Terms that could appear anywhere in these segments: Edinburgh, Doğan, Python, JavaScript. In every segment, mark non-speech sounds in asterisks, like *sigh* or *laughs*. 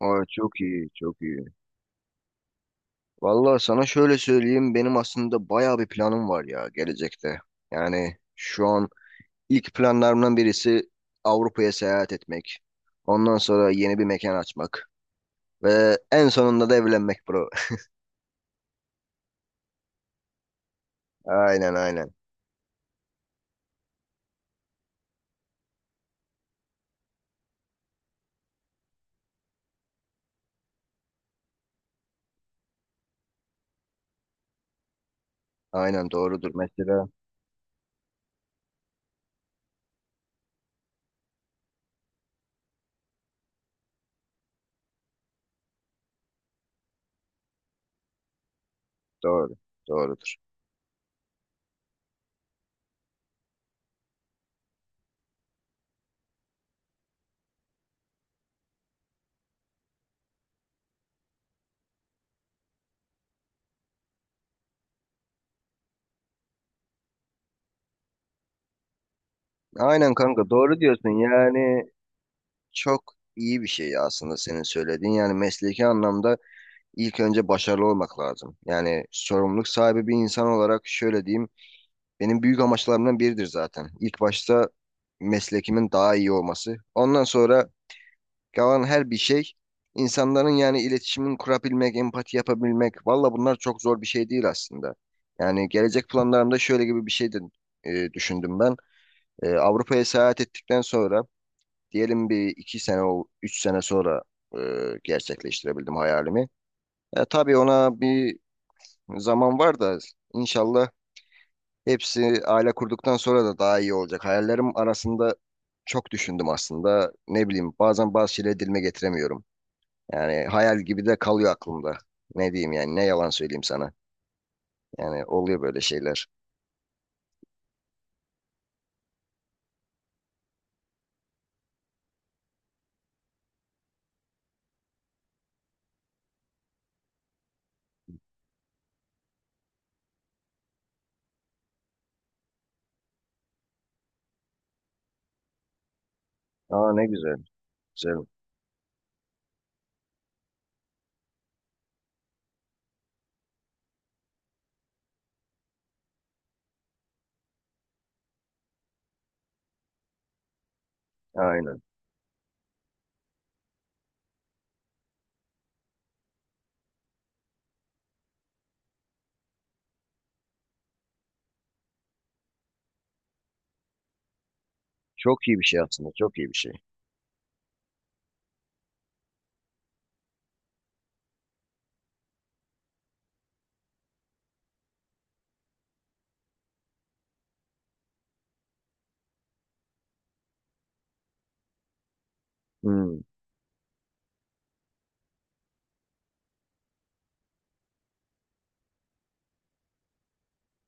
Ay çok iyi, çok iyi. Vallahi sana şöyle söyleyeyim, benim aslında bayağı bir planım var ya gelecekte. Yani şu an ilk planlarımdan birisi Avrupa'ya seyahat etmek. Ondan sonra yeni bir mekan açmak. Ve en sonunda da evlenmek bro. *laughs* Aynen aynen. Aynen doğrudur mesela. Doğru. Doğrudur. Aynen kanka doğru diyorsun. Yani çok iyi bir şey aslında senin söylediğin. Yani mesleki anlamda ilk önce başarılı olmak lazım. Yani sorumluluk sahibi bir insan olarak şöyle diyeyim, benim büyük amaçlarımdan biridir zaten. İlk başta meslekimin daha iyi olması. Ondan sonra kalan her bir şey insanların yani iletişimin kurabilmek, empati yapabilmek. Valla bunlar çok zor bir şey değil aslında. Yani gelecek planlarımda şöyle gibi bir şey de düşündüm ben. Avrupa'ya seyahat ettikten sonra diyelim bir iki sene, üç sene sonra e, gerçekleştirebildim hayalimi. E, tabii ona bir zaman var da inşallah hepsi aile kurduktan sonra da daha iyi olacak. Hayallerim arasında çok düşündüm aslında. Ne bileyim bazen bazı şeyleri dilime getiremiyorum. Yani hayal gibi de kalıyor aklımda. Ne diyeyim yani ne yalan söyleyeyim sana. Yani oluyor böyle şeyler. Aa ne güzel. Güzel. Aynen. Çok iyi bir şey aslında. Çok iyi bir şey. Hmm.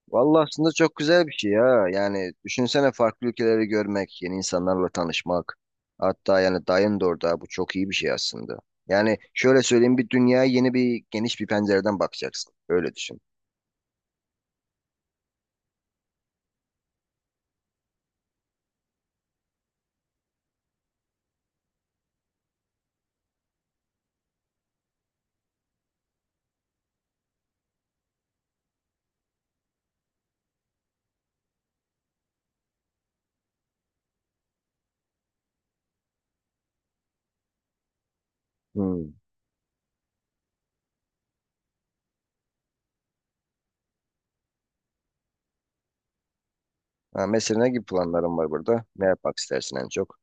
Vallahi aslında çok güzel bir şey ya. Yani düşünsene farklı ülkeleri görmek, yeni insanlarla tanışmak. Hatta yani dayın da orada. Bu çok iyi bir şey aslında. Yani şöyle söyleyeyim bir dünyaya yeni bir geniş bir pencereden bakacaksın. Öyle düşün. Hmm. Ha, mesela ne gibi planların var burada? Ne yapmak istersin en çok?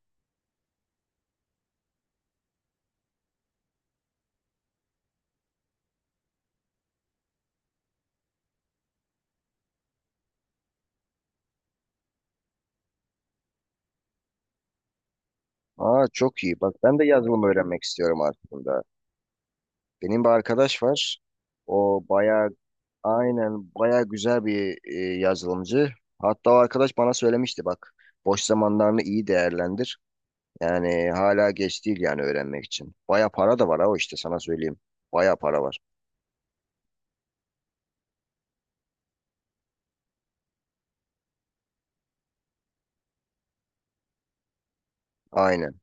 Aa çok iyi. Bak ben de yazılım öğrenmek istiyorum aslında. Benim bir arkadaş var. O bayağı aynen baya güzel bir yazılımcı. Hatta o arkadaş bana söylemişti bak boş zamanlarını iyi değerlendir. Yani hala geç değil yani öğrenmek için. Baya para da var ha o işte sana söyleyeyim. Baya para var. Aynen.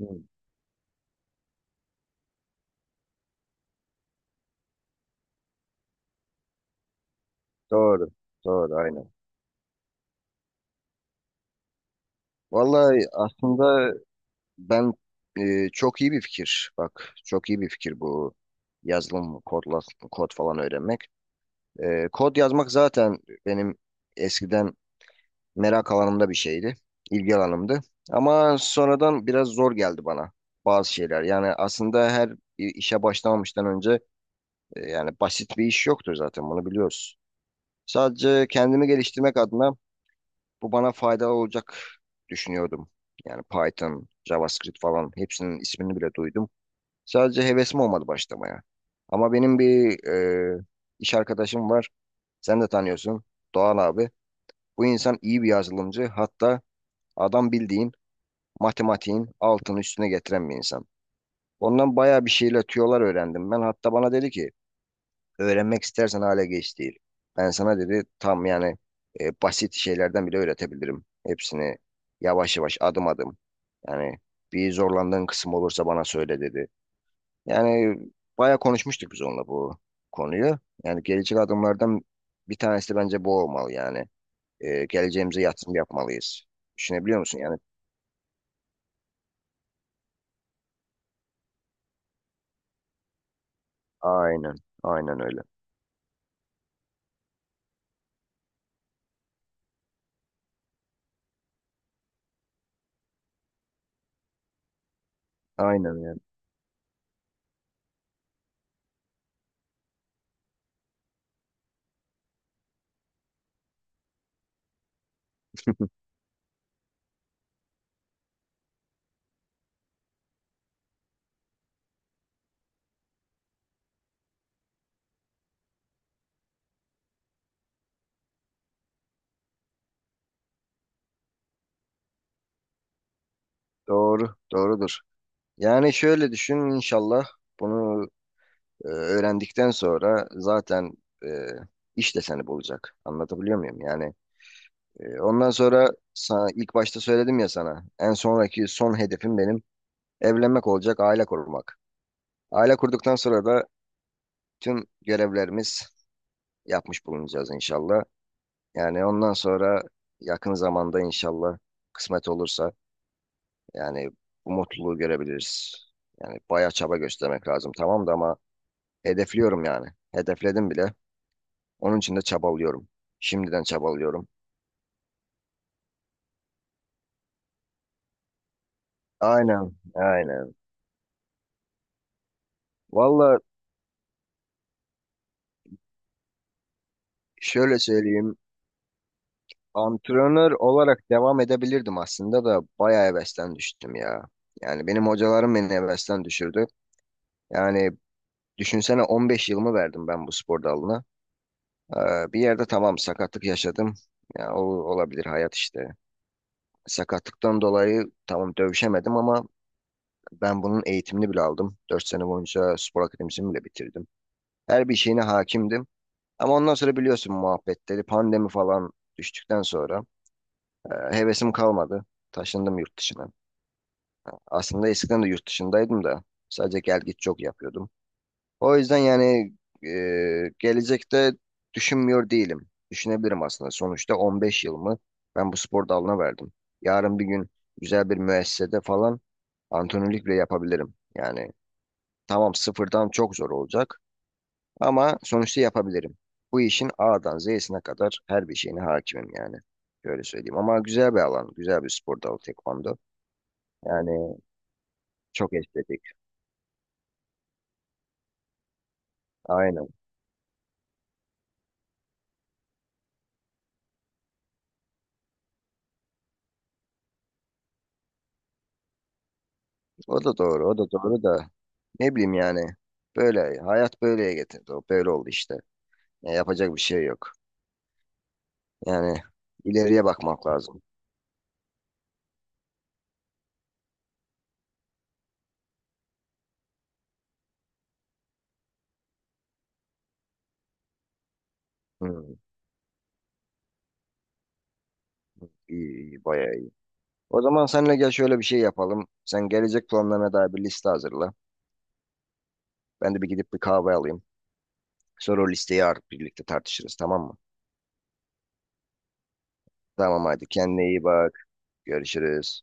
Hı, doğru. Doğru aynen. Vallahi aslında ben çok iyi bir fikir. Bak çok iyi bir fikir bu yazılım, kod, kod öğrenmek. E, kod yazmak zaten benim eskiden merak alanımda bir şeydi. İlgi alanımdı. Ama sonradan biraz zor geldi bana bazı şeyler. Yani aslında her bir işe başlamamıştan önce yani basit bir iş yoktur zaten bunu biliyoruz. Sadece kendimi geliştirmek adına bu bana faydalı olacak düşünüyordum. Yani Python, JavaScript falan hepsinin ismini bile duydum. Sadece hevesim olmadı başlamaya. Ama benim bir e, iş arkadaşım var. Sen de tanıyorsun. Doğan abi. Bu insan iyi bir yazılımcı. Hatta adam bildiğin matematiğin altını üstüne getiren bir insan. Ondan bayağı bir şeyle tüyolar öğrendim. Ben hatta bana dedi ki öğrenmek istersen hale geç değil. Ben sana dedi tam yani basit şeylerden bile öğretebilirim. Hepsini yavaş yavaş adım adım. Yani bir zorlandığın kısım olursa bana söyle dedi. Yani bayağı konuşmuştuk biz onunla bu konuyu. Yani gelecek adımlardan bir tanesi de bence bu olmalı yani. E, geleceğimize yatırım yapmalıyız. Düşünebiliyor musun? Yani aynen, aynen öyle. Aynen öyle. Doğru, doğrudur. Yani şöyle düşün inşallah bunu öğrendikten sonra zaten e, iş de seni bulacak. Anlatabiliyor muyum? Yani ondan sonra sana, ilk başta söyledim ya sana en sonraki son hedefim benim evlenmek olacak, aile kurmak. Aile kurduktan sonra da tüm görevlerimiz yapmış bulunacağız inşallah. Yani ondan sonra yakın zamanda inşallah kısmet olursa yani bu mutluluğu görebiliriz. Yani bayağı çaba göstermek lazım tamam da ama hedefliyorum yani. Hedefledim bile. Onun için de çabalıyorum. Şimdiden çabalıyorum. Aynen, aynen. Valla şöyle söyleyeyim. Antrenör olarak devam edebilirdim aslında da bayağı hevesten düştüm ya. Yani benim hocalarım beni hevesten düşürdü. Yani düşünsene 15 yılımı verdim ben bu spor dalına. Bir yerde tamam sakatlık yaşadım. Ya, olabilir hayat işte. Sakatlıktan dolayı tamam dövüşemedim ama ben bunun eğitimini bile aldım. 4 sene boyunca spor akademisini bile bitirdim. Her bir şeyine hakimdim. Ama ondan sonra biliyorsun muhabbetleri, pandemi falan düştükten sonra hevesim kalmadı. Taşındım yurt dışına. Aslında eskiden de yurt dışındaydım da sadece gel git çok yapıyordum. O yüzden yani gelecekte düşünmüyor değilim. Düşünebilirim aslında. Sonuçta 15 yılımı ben bu spor dalına verdim. Yarın bir gün güzel bir müessesede falan antrenörlük bile yapabilirim. Yani tamam sıfırdan çok zor olacak ama sonuçta yapabilirim. Bu işin A'dan Z'sine kadar her bir şeyine hakimim yani. Şöyle söyleyeyim. Ama güzel bir alan. Güzel bir spor dalı tekvando. Yani çok estetik. Aynen. O da doğru. O da doğru da ne bileyim yani. Böyle. Hayat böyleye getirdi. O böyle oldu işte. Ya yapacak bir şey yok. Yani ileriye bakmak lazım. Hmm, iyi, iyi, bayağı iyi. O zaman seninle gel şöyle bir şey yapalım. Sen gelecek planlarına dair bir liste hazırla. Ben de bir gidip bir kahve alayım. Sonra o listeyi artık birlikte tartışırız tamam mı? Tamam hadi kendine iyi bak. Görüşürüz.